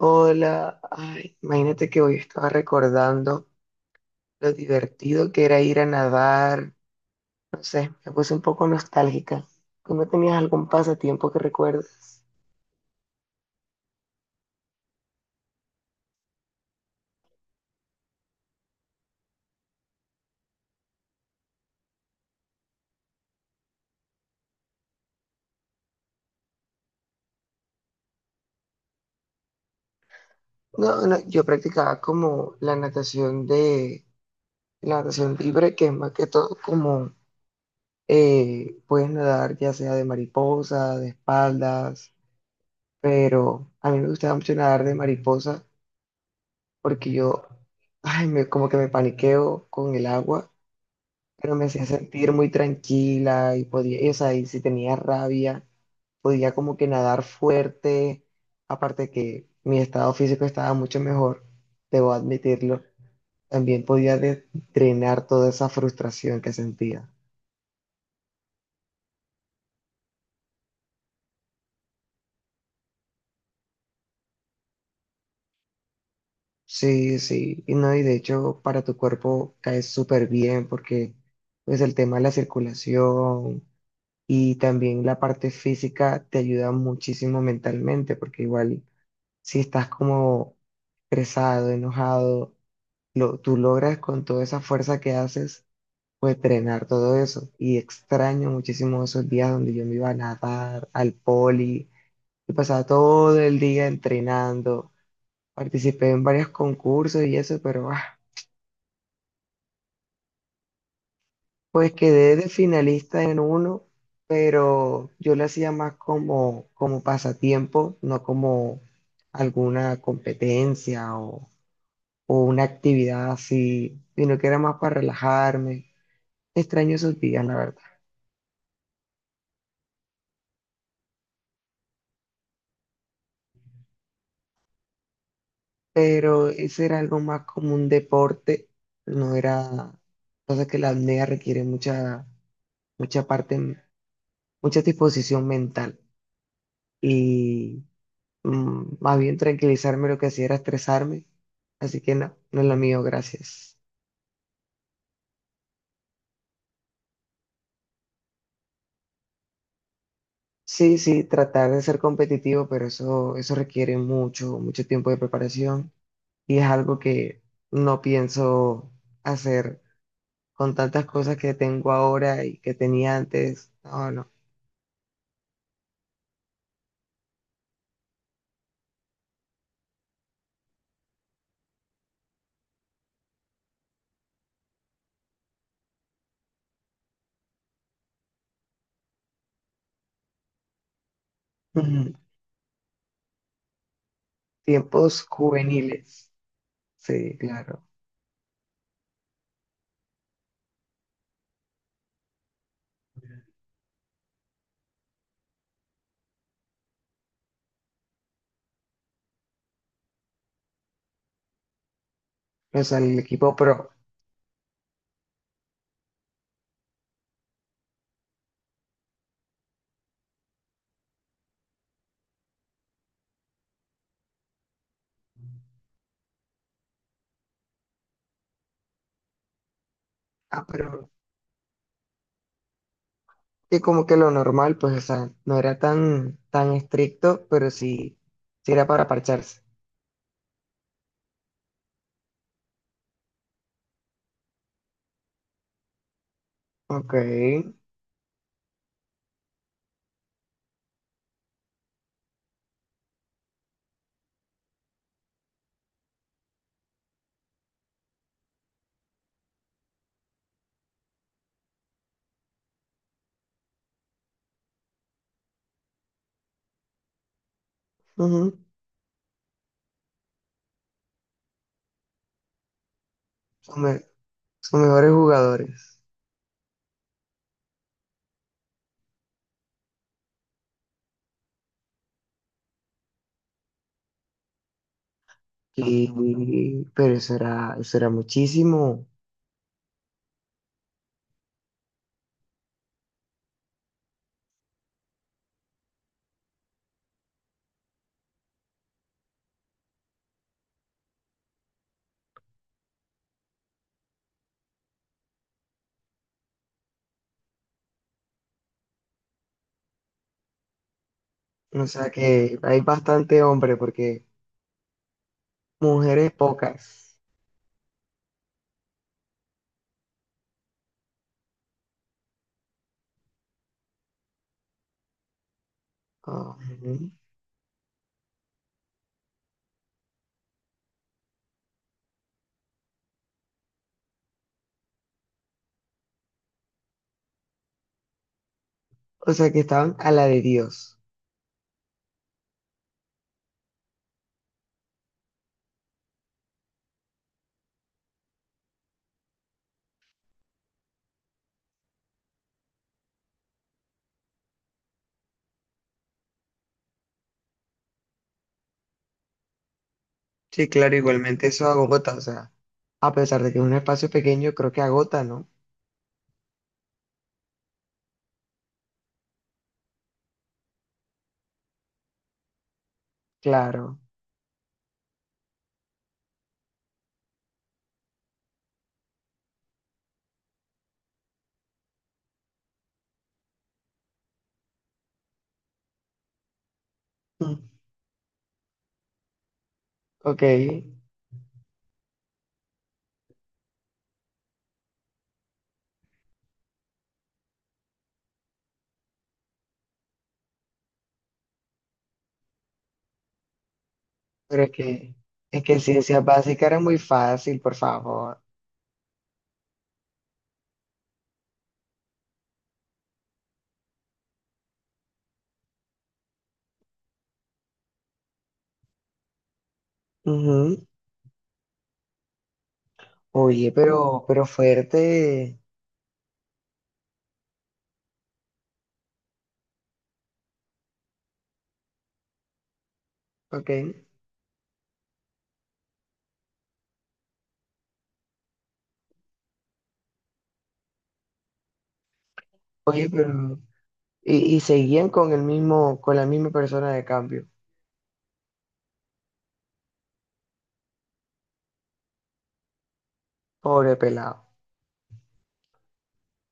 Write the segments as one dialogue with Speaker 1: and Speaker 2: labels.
Speaker 1: Hola, ay, imagínate que hoy estaba recordando lo divertido que era ir a nadar. No sé, me puse un poco nostálgica. ¿Tú no tenías algún pasatiempo que recuerdes? No, no, yo practicaba como la natación de la natación libre, que es más que todo como puedes nadar ya sea de mariposa, de espaldas, pero a mí me gustaba mucho nadar de mariposa porque yo, ay, me, como que me paniqueo con el agua, pero me hacía sentir muy tranquila y podía, y, o sea, y si tenía rabia, podía como que nadar fuerte, aparte que mi estado físico estaba mucho mejor, debo admitirlo, también drenar toda esa frustración que sentía. Sí, sí, y no, y de hecho para tu cuerpo cae súper bien porque pues el tema de la circulación y también la parte física te ayuda muchísimo mentalmente porque igual si estás como estresado, enojado, tú logras con toda esa fuerza que haces, pues drenar todo eso. Y extraño muchísimo esos días donde yo me iba a nadar al poli y pasaba todo el día entrenando. Participé en varios concursos y eso, pero ah, pues quedé de finalista en uno, pero yo lo hacía más como pasatiempo, no como alguna competencia o una actividad así, sino que era más para relajarme. Extraño esos días, la verdad. Pero ese era algo más como un deporte, no era... Pasa que la apnea requiere mucha parte, mucha disposición mental y más bien, tranquilizarme lo que hacía era estresarme, así que no, no es lo mío, gracias. Sí, sí, tratar de ser competitivo, pero eso requiere mucho tiempo de preparación y es algo que no pienso hacer con tantas cosas que tengo ahora y que tenía antes. No, no. Ujú. Tiempos juveniles. Sí, claro. O sea, el equipo pro. Ah, pero que como que lo normal, pues, o sea, no era tan estricto, pero sí, sí era para parcharse. Ok. Ujú. Son, me- Son mejores jugadores. Y, pero eso era muchísimo. O sea que hay bastante hombre porque Mujeres pocas. Ajá. O sea, que estaban a la de Dios. Sí, claro, igualmente eso agota, o sea, a pesar de que es un espacio pequeño, creo que agota, ¿no? Claro. Mm. Ok, pero es que ciencia básica era muy fácil, por favor. Ujú. Oye, pero fuerte. Ok. Oye, pero. Y seguían con el mismo, con la misma persona de cambio. Pobre pelado.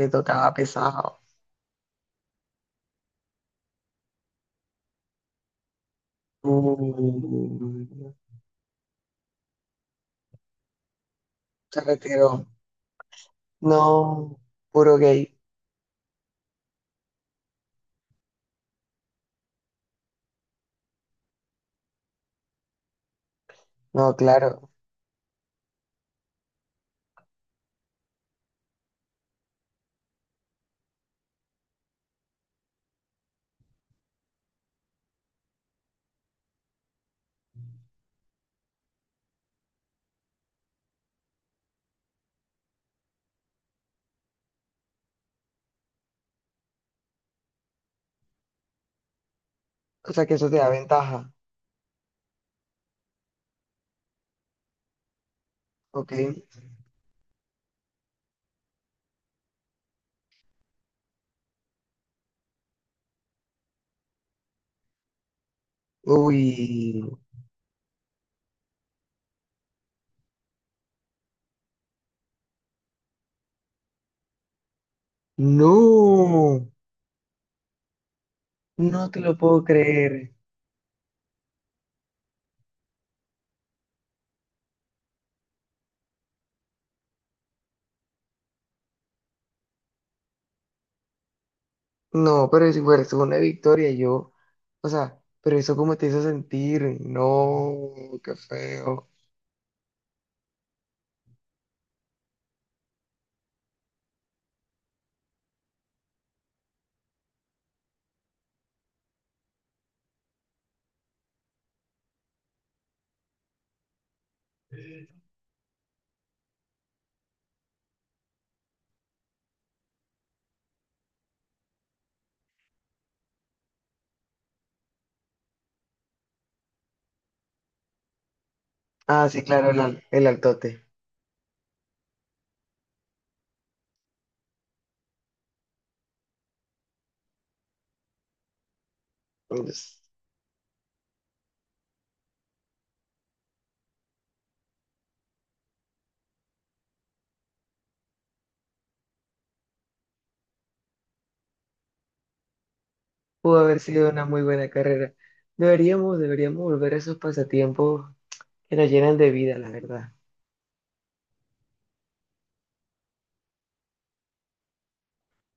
Speaker 1: Le tocaba pesado. Uh. Se retiró. No, puro gay. No, claro. O sea que eso te da ventaja. Ok. Uy. No. No te lo puedo creer. No, pero si fuera una victoria, yo. O sea, pero eso cómo te hizo sentir. No, qué feo. Ah, sí, claro, el altote. Pues, pudo haber sido una muy buena carrera. Deberíamos, deberíamos volver a esos pasatiempos que nos llenan de vida, la verdad.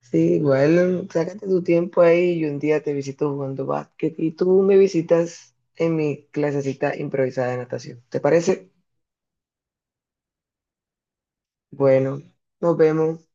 Speaker 1: Sí, igual, sácate tu tiempo ahí y un día te visito jugando básquet y tú me visitas en mi clasecita improvisada de natación. ¿Te parece? Bueno, nos vemos.